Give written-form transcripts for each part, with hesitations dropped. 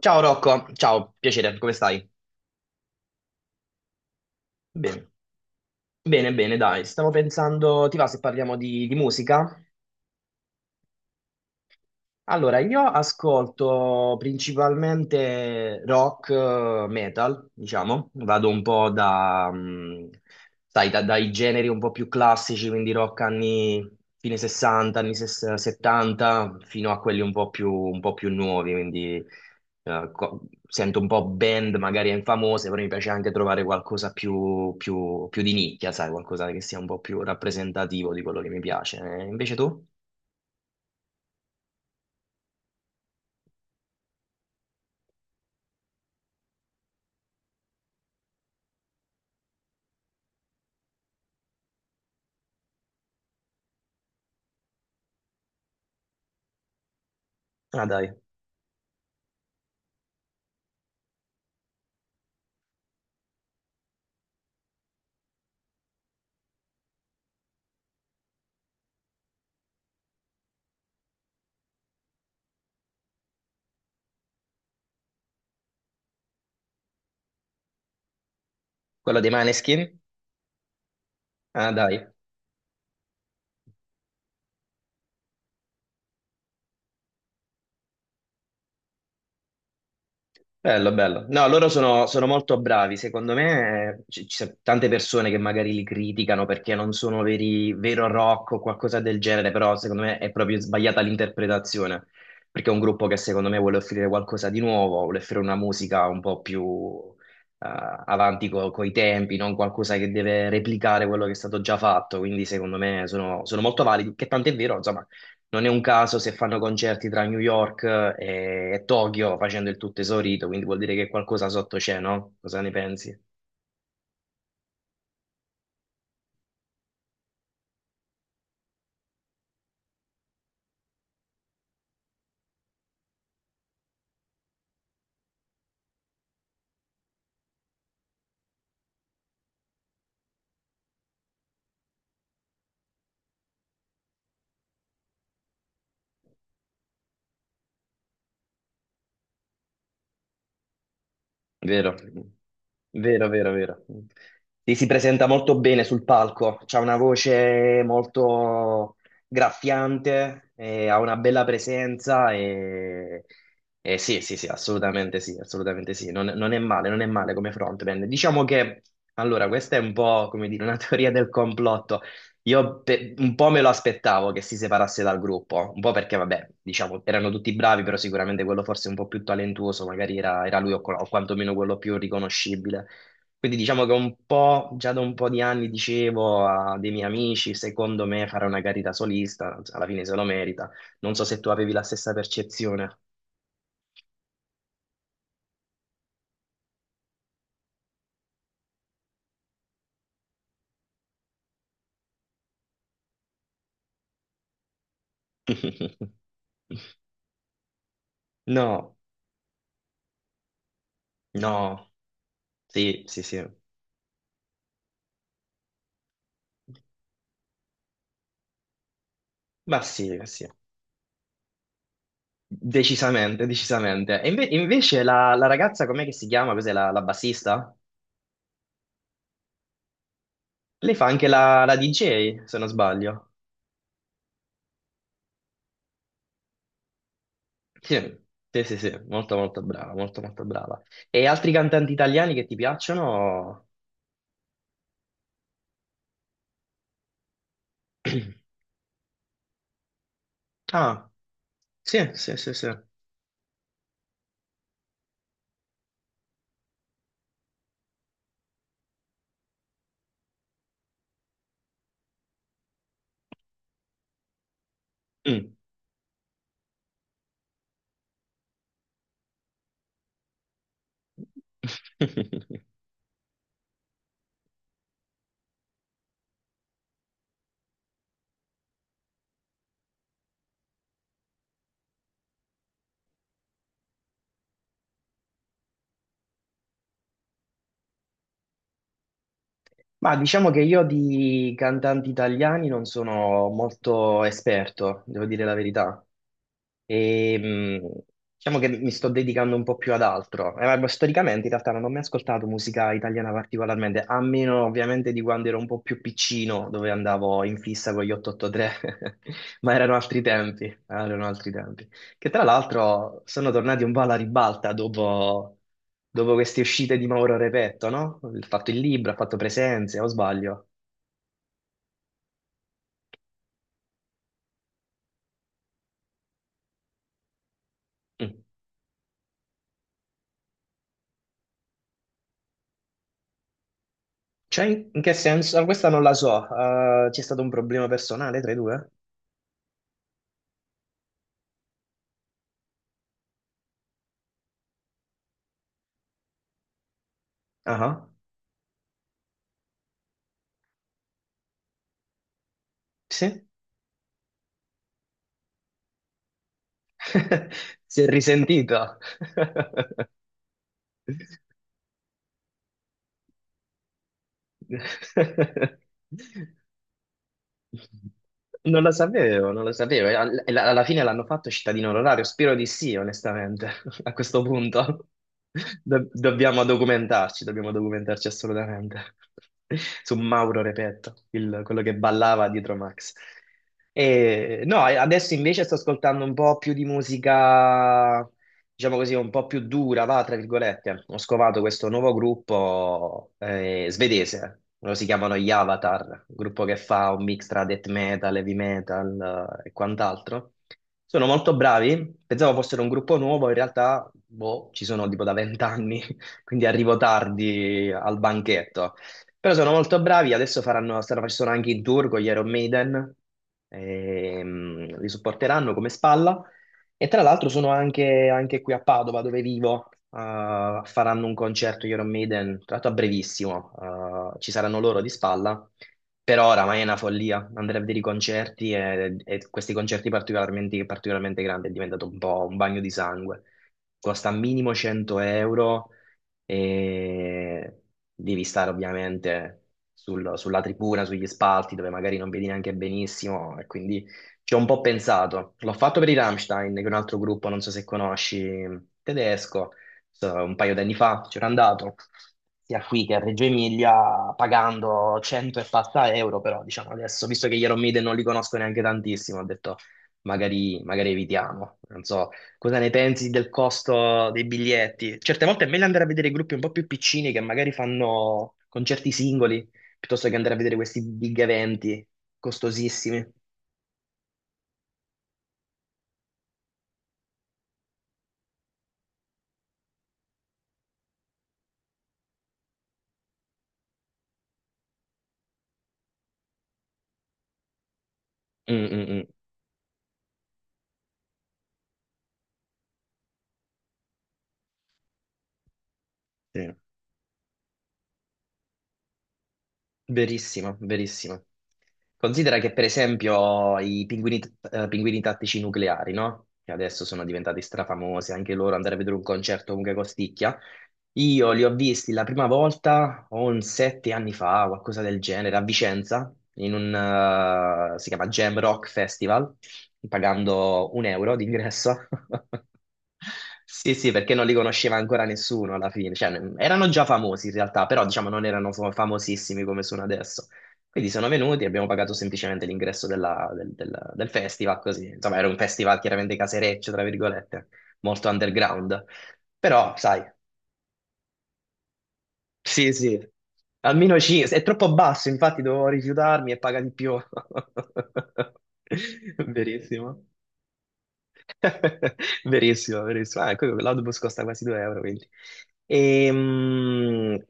Ciao Rocco, ciao, piacere, come stai? Bene, bene, bene, dai, stavo pensando, ti va se parliamo di musica? Allora, io ascolto principalmente rock, metal, diciamo, vado un po' da, sai, dai generi un po' più classici, quindi rock anni fine 60, anni 70, fino a quelli un po' più nuovi, quindi eh, co- sento un po' band magari infamose, però mi piace anche trovare qualcosa più, più di nicchia, sai, qualcosa che sia un po' più rappresentativo di quello che mi piace. Invece tu? Ah, dai, quello dei Maneskin? Ah, dai, bello, bello. No, loro sono, sono molto bravi. Secondo me, ci sono tante persone che magari li criticano perché non sono veri, vero rock o qualcosa del genere, però secondo me è proprio sbagliata l'interpretazione, perché è un gruppo che secondo me vuole offrire qualcosa di nuovo, vuole offrire una musica un po' più eh, avanti coi tempi, non qualcosa che deve replicare quello che è stato già fatto. Quindi secondo me sono, sono molto validi, che tant'è vero, insomma, non è un caso se fanno concerti tra New York e Tokyo facendo il tutto esaurito, quindi vuol dire che qualcosa sotto c'è, no? Cosa ne pensi? Vero, vero, vero, vero. Sì, si presenta molto bene sul palco, ha una voce molto graffiante, ha una bella presenza e sì, sì, sì, assolutamente sì, assolutamente sì. Non, non è male, non è male come frontman. Diciamo che, allora, questa è un po', come dire, una teoria del complotto. Un po' me lo aspettavo che si separasse dal gruppo, un po' perché, vabbè, diciamo, erano tutti bravi, però sicuramente quello forse un po' più talentuoso, magari era, era lui o quantomeno quello più riconoscibile. Quindi diciamo che un po', già da un po' di anni dicevo a dei miei amici, secondo me fare una carriera solista, alla fine se lo merita. Non so se tu avevi la stessa percezione. No, no, sì, sì, sì. Ma sì, ma sì. Decisamente, decisamente. E invece la ragazza, com'è che si chiama? Cos'è la bassista? Lei fa anche la DJ, se non sbaglio. Sì, sì, sì, sì, molto molto brava, molto molto brava. E altri cantanti italiani che ti piacciono? Ah, sì, sì, sì, sì. Mm. Ma diciamo che io di cantanti italiani non sono molto esperto, devo dire la verità. E, mh, diciamo che mi sto dedicando un po' più ad altro. Ma storicamente in realtà non ho mai ascoltato musica italiana particolarmente, a meno ovviamente di quando ero un po' più piccino, dove andavo in fissa con gli 883, ma erano altri tempi che tra l'altro sono tornati un po' alla ribalta dopo, dopo queste uscite di Mauro Repetto, no? Ha fatto il libro, ha fatto presenze, o sbaglio? Mm. Cioè, in che senso? Ah, questa non la so. C'è stato un problema personale tra i due? Ah, ah. Sì? Si è risentito. Non lo sapevo, non lo sapevo. Alla fine l'hanno fatto cittadino onorario. Spero di sì, onestamente, a questo punto. Dobbiamo documentarci, dobbiamo documentarci assolutamente. Su Mauro Repetto, quello che ballava dietro Max. E, no, e adesso invece sto ascoltando un po' più di musica diciamo così, un po' più dura, va, tra virgolette. Ho scovato questo nuovo gruppo svedese, loro si chiamano gli Avatar, un gruppo che fa un mix tra death metal, heavy metal, e quant'altro. Sono molto bravi, pensavo fossero un gruppo nuovo, in realtà, boh, ci sono tipo da vent'anni, quindi arrivo tardi al banchetto. Però sono molto bravi, adesso faranno, stanno facendo anche in tour con gli Iron Maiden, li supporteranno come spalla. E tra l'altro sono anche, anche qui a Padova, dove vivo, faranno un concerto Iron Maiden, tra l'altro a brevissimo, ci saranno loro di spalla, però oramai è una follia, andare a vedere i concerti e questi concerti particolarmente, particolarmente grandi è diventato un po' un bagno di sangue, costa minimo 100 euro, e devi stare ovviamente sulla tribuna, sugli spalti dove magari non vedi neanche benissimo e quindi ci ho un po' pensato. L'ho fatto per i Rammstein, che è un altro gruppo, non so se conosci, tedesco, so, un paio d'anni fa c'ero andato. Sia qui che a Reggio Emilia pagando 100 e passa euro, però diciamo adesso, visto che gli Iron Maiden non li conosco neanche tantissimo, ho detto magari, magari evitiamo. Non so, cosa ne pensi del costo dei biglietti? Certe volte è meglio andare a vedere gruppi un po' più piccini che magari fanno concerti singoli, piuttosto che andare a vedere questi big eventi costosissimi. Mm, mm, mm. Sì. Verissimo, verissimo. Considera che per esempio i pinguini, pinguini tattici nucleari, no? Che adesso sono diventati strafamosi, anche loro andare a vedere un concerto comunque costicchia. Io li ho visti la prima volta o un sette anni fa, qualcosa del genere, a Vicenza, in un, si chiama Jam Rock Festival, pagando un euro d'ingresso. Sì, sì, perché non li conosceva ancora nessuno alla fine, cioè erano già famosi in realtà, però diciamo non erano famosissimi come sono adesso. Quindi sono venuti e abbiamo pagato semplicemente l'ingresso del festival, così. Insomma, era un festival chiaramente casereccio, tra virgolette, molto underground. Però, sai, sì, sì, almeno ci... È troppo basso, infatti dovevo rifiutarmi e paga di più. Verissimo. Verissimo, verissimo. Ah, ecco, l'autobus costa quasi 2 euro, quindi. Ehm,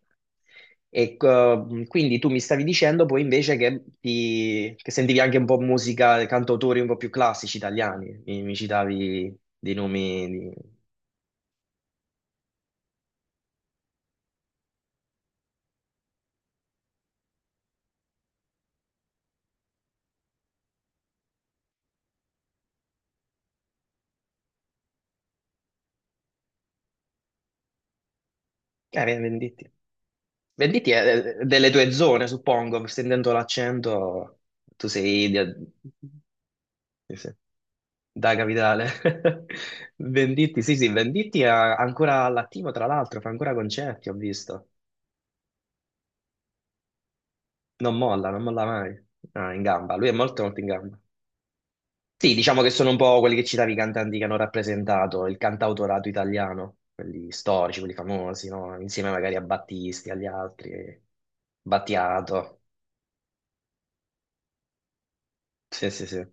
ecco, quindi tu mi stavi dicendo poi invece che, che sentivi anche un po' musica, cantautori un po' più classici italiani. Mi citavi dei nomi di... Venditti. Venditti è delle tue zone, suppongo, sentendo l'accento, tu sei... sì, sì. Da capitale. Venditti, sì, sì, Venditti è ancora all'attivo, tra l'altro, fa ancora concerti, ho visto. Non molla, non molla mai. Ah, in gamba, lui è molto, molto in gamba. Sì, diciamo che sono un po' quelli che citavi, i cantanti che hanno rappresentato il cantautorato italiano, quelli storici, quelli famosi, no? Insieme magari a Battisti, agli altri, Battiato. Sì, sì, sì.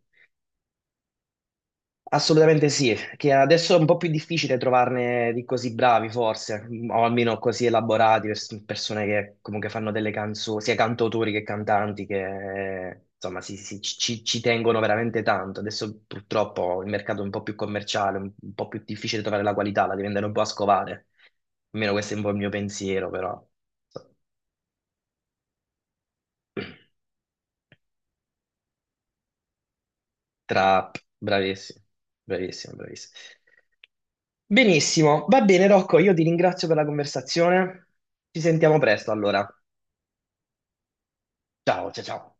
Assolutamente sì, che adesso è un po' più difficile trovarne di così bravi forse, o almeno così elaborati, persone che comunque fanno delle canzoni, sia cantautori che cantanti, che insomma ci tengono veramente tanto. Adesso purtroppo il mercato è un po' più commerciale, un po' più difficile trovare la qualità, la devi andare un po' a scovare. Almeno questo è un po' il mio pensiero, però. So, trap, bravissimo, bravissimo, bravissimo. Benissimo, va bene Rocco, io ti ringrazio per la conversazione. Ci sentiamo presto allora. Ciao, ciao, ciao.